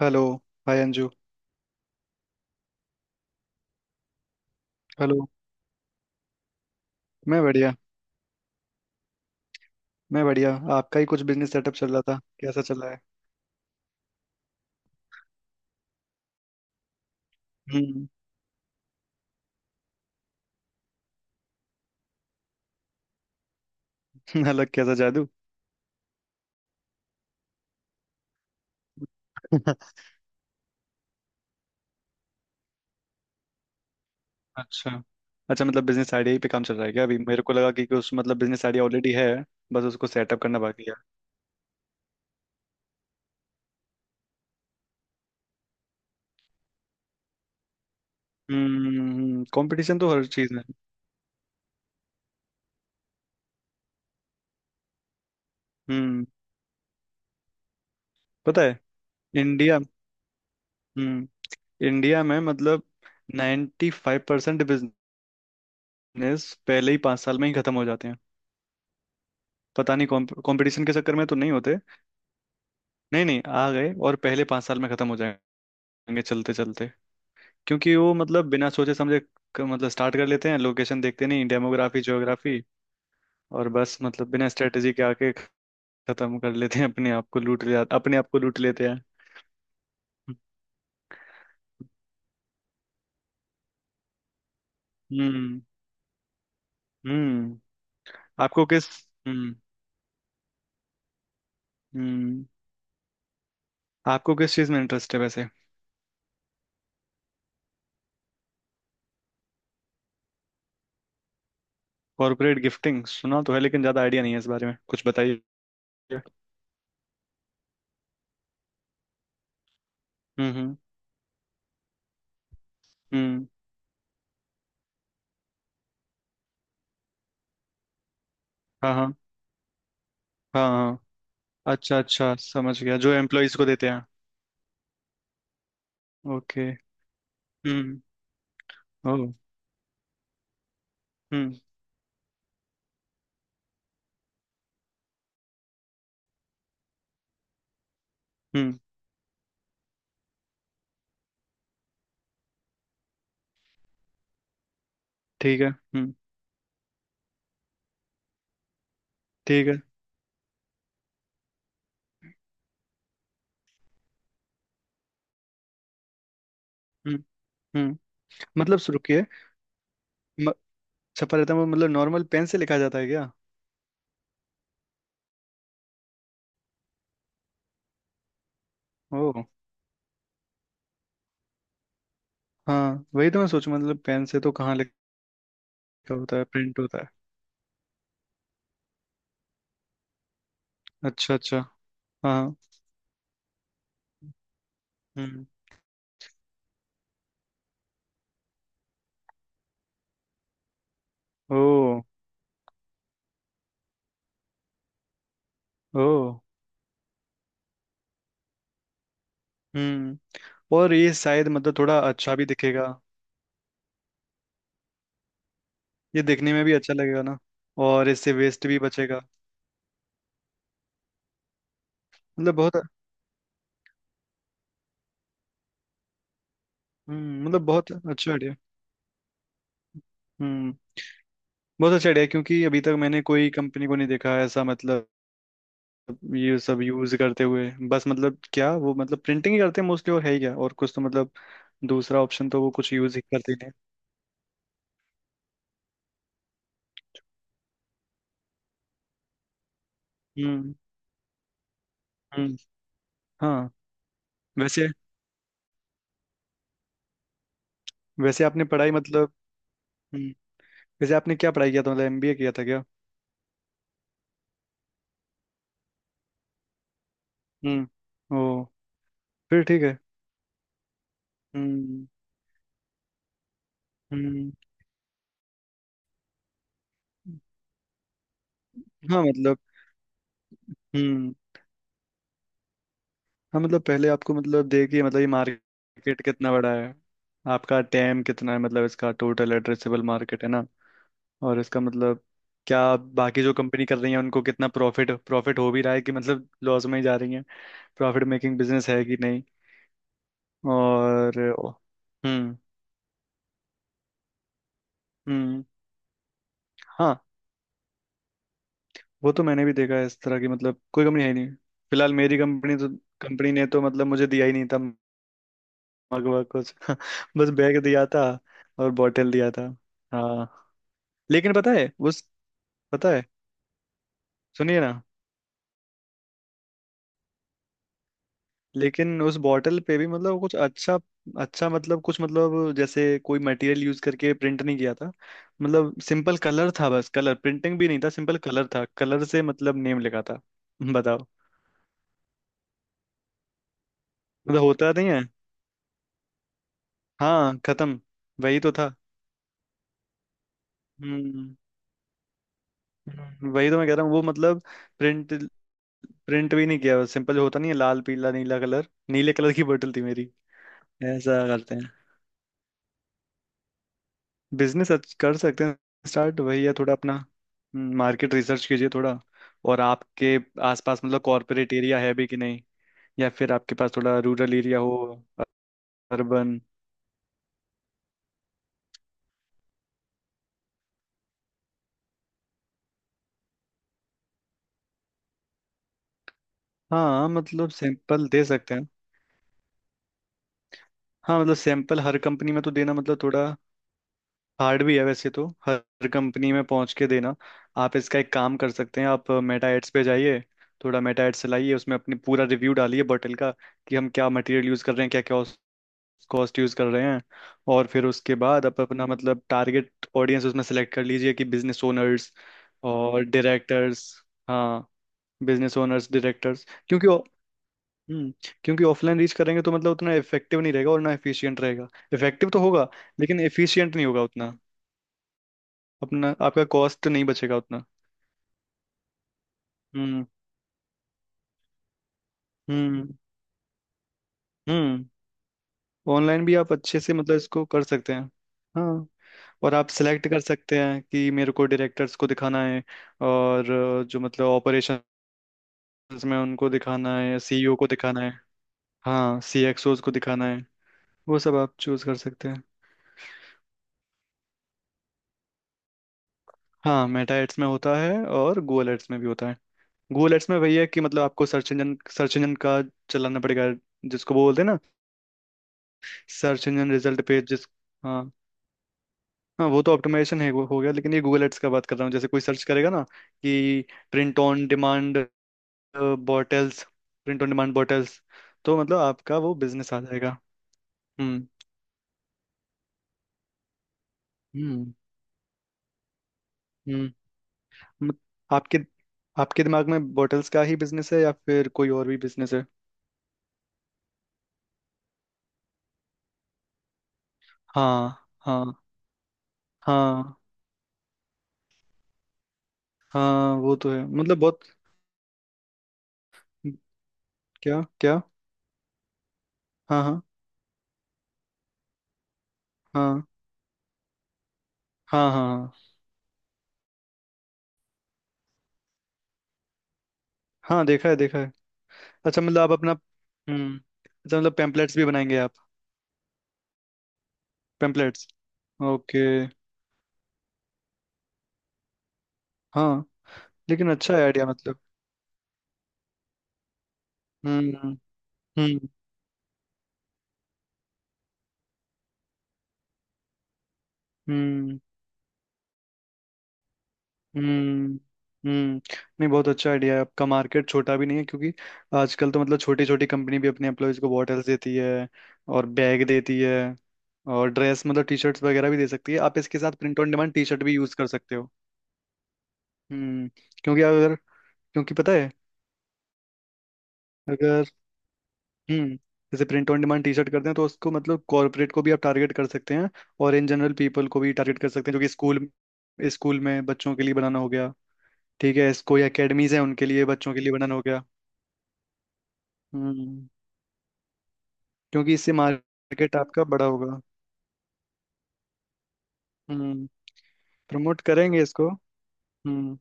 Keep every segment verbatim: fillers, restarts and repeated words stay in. Hello. Hi Anju. Hello. मैं बढ़िया मैं बढ़िया आपका ही कुछ बिजनेस सेटअप चल रहा था, कैसा चल रहा है? हम्म। अलग कैसा जादू? अच्छा, अच्छा, मतलब बिजनेस आइडिया ही पे काम चल रहा है क्या? अभी मेरे को लगा कि कि उस मतलब बिजनेस आइडिया ऑलरेडी है, बस उसको सेटअप करना बाकी है। हम्म, कंपटीशन तो हर चीज में। हम्म। पता है, इंडिया, हम्म, इंडिया में मतलब ninety five percent five percent business पहले ही पाँच साल में ही खत्म हो जाते हैं। पता नहीं, कंपटीशन के चक्कर में तो नहीं होते। नहीं नहीं, आ गए और पहले पाँच साल में खत्म हो जाएंगे, चलते चलते। क्योंकि वो मतलब बिना सोचे समझे क- मतलब स्टार्ट कर लेते हैं, लोकेशन देखते नहीं, डेमोग्राफी, ज्योग्राफी, और बस मतलब बिना स्ट्रेटेजी के आके खत्म कर लेते हैं, अपने आप को लूट ले अपने आप को लूट लेते हैं। हम्म। हम्म आपको किस हम्म। हम्म, आपको किस चीज में इंटरेस्ट है वैसे? कॉर्पोरेट गिफ्टिंग सुना तो है, लेकिन ज्यादा आइडिया नहीं है, इस बारे में कुछ बताइए। हम्म, हम्म, हम्म, हाँ हाँ, हाँ हाँ। अच्छा अच्छा, समझ गया, जो एम्प्लॉयज को देते हैं। ओके। हम्म। ओ। हम्म, हम्म। ठीक है, हम्म। ठीक है। हम्म। हम्म। मतलब सु- रुकिए म- छपा रहता है वो, मतलब नॉर्मल पेन से लिखा जाता है क्या? ओ, हाँ, वही तो मैं सोचूं, मतलब पेन से तो कहाँ लिखा होता है, प्रिंट होता है। अच्छा अच्छा। हाँ। हम्म। ओ। ओ। हम्म, और ये शायद मतलब थोड़ा अच्छा भी दिखेगा। ये देखने में भी अच्छा लगेगा ना, और इससे वेस्ट भी बचेगा। मतलब बहुत, हम्म, मतलब बहुत अच्छा आइडिया। हम्म, बहुत अच्छा आइडिया, क्योंकि अभी तक मैंने कोई कंपनी को नहीं देखा ऐसा, मतलब ये सब यूज करते हुए। बस मतलब क्या वो मतलब प्रिंटिंग ही करते हैं मोस्टली, और है ही क्या और कुछ तो, मतलब दूसरा ऑप्शन तो वो कुछ यूज ही करते ही नहीं। हम्म, हम्म, हाँ। वैसे वैसे आपने पढ़ाई मतलब हम्म, वैसे आपने क्या पढ़ाई किया था, मतलब एमबीए किया था क्या? हम्म, ओ, फिर ठीक है। हम्म, हम्म, हाँ मतलब, हम्म। हाँ मतलब पहले आपको मतलब देखिए, मतलब ये मार्केट कितना बड़ा है, आपका टैम कितना है, मतलब इसका टोटल एड्रेसेबल मार्केट है ना। और इसका मतलब क्या बाकी जो कंपनी कर रही है, उनको कितना प्रॉफिट प्रॉफिट हो भी रहा है कि मतलब लॉस में ही जा रही है, प्रॉफिट मेकिंग बिजनेस है कि नहीं। और, हम्म, हम्म, हाँ, वो तो मैंने भी देखा है, इस तरह की मतलब कोई कंपनी है ही नहीं। फिलहाल मेरी कंपनी तो कंपनी ने तो मतलब मुझे दिया ही नहीं था, मग वग कुछ। बस बैग दिया था और बॉटल दिया था। हाँ, लेकिन पता है उस पता है, सुनिए ना, लेकिन उस बॉटल पे भी मतलब कुछ अच्छा, अच्छा मतलब कुछ, मतलब जैसे कोई मटेरियल यूज करके प्रिंट नहीं किया था। मतलब सिंपल कलर था, बस, कलर प्रिंटिंग भी नहीं था, सिंपल कलर था, कलर से मतलब नेम लिखा था। बताओ, मतलब होता नहीं है। हाँ, खत्म, वही तो था। हम्म। हम्म, वही तो मैं कह रहा हूँ, वो मतलब प्रिंट प्रिंट भी नहीं किया, सिंपल होता नहीं है, लाल पीला नीला कलर, नीले कलर की बोतल थी मेरी। ऐसा करते हैं, बिजनेस कर सकते हैं, स्टार्ट, वही है, थोड़ा अपना, हम्म, मार्केट रिसर्च कीजिए थोड़ा। और आपके आसपास मतलब कॉरपोरेट एरिया है भी कि नहीं, या फिर आपके पास थोड़ा रूरल एरिया हो, अर्बन। हाँ मतलब सैंपल दे सकते हैं। हाँ मतलब सैंपल हर कंपनी में तो देना मतलब थोड़ा हार्ड भी है, वैसे तो हर कंपनी में पहुंच के देना। आप इसका एक काम कर सकते हैं, आप मेटा एड्स पे जाइए, थोड़ा मेटा एड्स चलाइए, उसमें अपने पूरा रिव्यू डालिए बॉटल का, कि हम क्या मटेरियल यूज़ कर रहे हैं, क्या क्या कॉस्ट यूज कर रहे हैं। और फिर उसके बाद आप अपना मतलब टारगेट ऑडियंस उसमें सेलेक्ट कर लीजिए कि बिजनेस ओनर्स और डायरेक्टर्स। हाँ, बिजनेस ओनर्स, डायरेक्टर्स, क्योंकि ओ- हम्म, क्योंकि ऑफलाइन रीच करेंगे तो मतलब उतना इफेक्टिव नहीं रहेगा, और ना एफिशिएंट रहेगा, इफेक्टिव तो होगा लेकिन एफिशिएंट नहीं होगा उतना, अपना आपका कॉस्ट नहीं बचेगा उतना। हम्म, हम्म, हम्म। ऑनलाइन भी आप अच्छे से मतलब इसको कर सकते हैं। हाँ, और आप सिलेक्ट कर सकते हैं कि मेरे को डायरेक्टर्स को दिखाना है, और अ, जो मतलब ऑपरेशंस में उनको दिखाना है, या सीईओ को दिखाना है, हाँ, सीएक्सओस को दिखाना है। वो सब आप चूज कर सकते हैं। हाँ मेटा एड्स में होता है, और गूगल एड्स में भी होता है। गूगल एड्स में वही है कि मतलब आपको सर्च इंजन सर्च इंजन का चलाना पड़ेगा, जिसको बोलते हैं ना सर्च इंजन रिजल्ट पेज जिस। हाँ हाँ, वो तो ऑप्टिमाइजेशन है, वो हो गया, लेकिन ये गूगल एड्स का बात कर रहा हूँ, जैसे कोई सर्च करेगा ना कि print on demand bottles, print on demand bottles तो मतलब आपका वो बिजनेस आ जाएगा। हम्म, हम्म, हम्म, मत- आपके आपके दिमाग में बॉटल्स का ही बिजनेस है, या फिर कोई और भी बिजनेस है? हाँ हाँ, हाँ हाँ, वो तो है, मतलब बहुत। क्या क्या। हाँ हाँ हाँ, हाँ, हाँ हाँ, हाँ देखा है देखा है। अच्छा मतलब आप अपना, हम्म, अच्छा मतलब पेम्पलेट्स भी बनाएंगे आप, पेम्पलेट्स? ओके। हाँ, लेकिन अच्छा है आइडिया, मतलब, हम्म, हम्म, हम्म, हम्म, हम्म। नहीं, बहुत अच्छा आइडिया है आपका, मार्केट छोटा भी नहीं है, क्योंकि आजकल तो मतलब छोटी छोटी कंपनी भी अपने एम्प्लॉयज को बॉटल्स देती है, और बैग देती है, और ड्रेस, मतलब टी शर्ट्स वगैरह भी दे सकती है, आप इसके साथ print on demand T shirt भी यूज कर सकते हो। हम्म, क्योंकि अगर क्योंकि पता है, अगर, हम्म, जैसे print on demand T shirt करते हैं, तो उसको मतलब कॉर्पोरेट को भी आप टारगेट कर सकते हैं और इन जनरल पीपल को भी टारगेट कर सकते हैं, जो कि स्कूल स्कूल में बच्चों के लिए बनाना हो गया, ठीक है, कोई एकेडमीज है, उनके लिए बच्चों के लिए बनाना हो गया। हम्म, क्योंकि इससे मार्केट आपका बड़ा होगा। हम्म, प्रमोट करेंगे इसको, हम्म।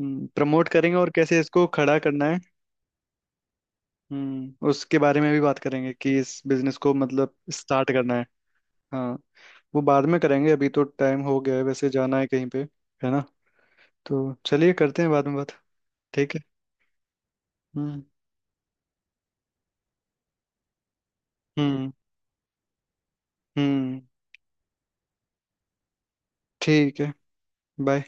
हम्म, प्रमोट करेंगे, और कैसे इसको खड़ा करना है, हम्म, उसके बारे में भी बात करेंगे, कि इस बिजनेस को मतलब स्टार्ट करना है। हाँ, वो बाद में करेंगे, अभी तो टाइम हो गया है, वैसे जाना है कहीं पे, है ना, तो चलिए करते हैं बाद में बात। ठीक है, हम्म, हम्म, हम्म, ठीक है, बाय।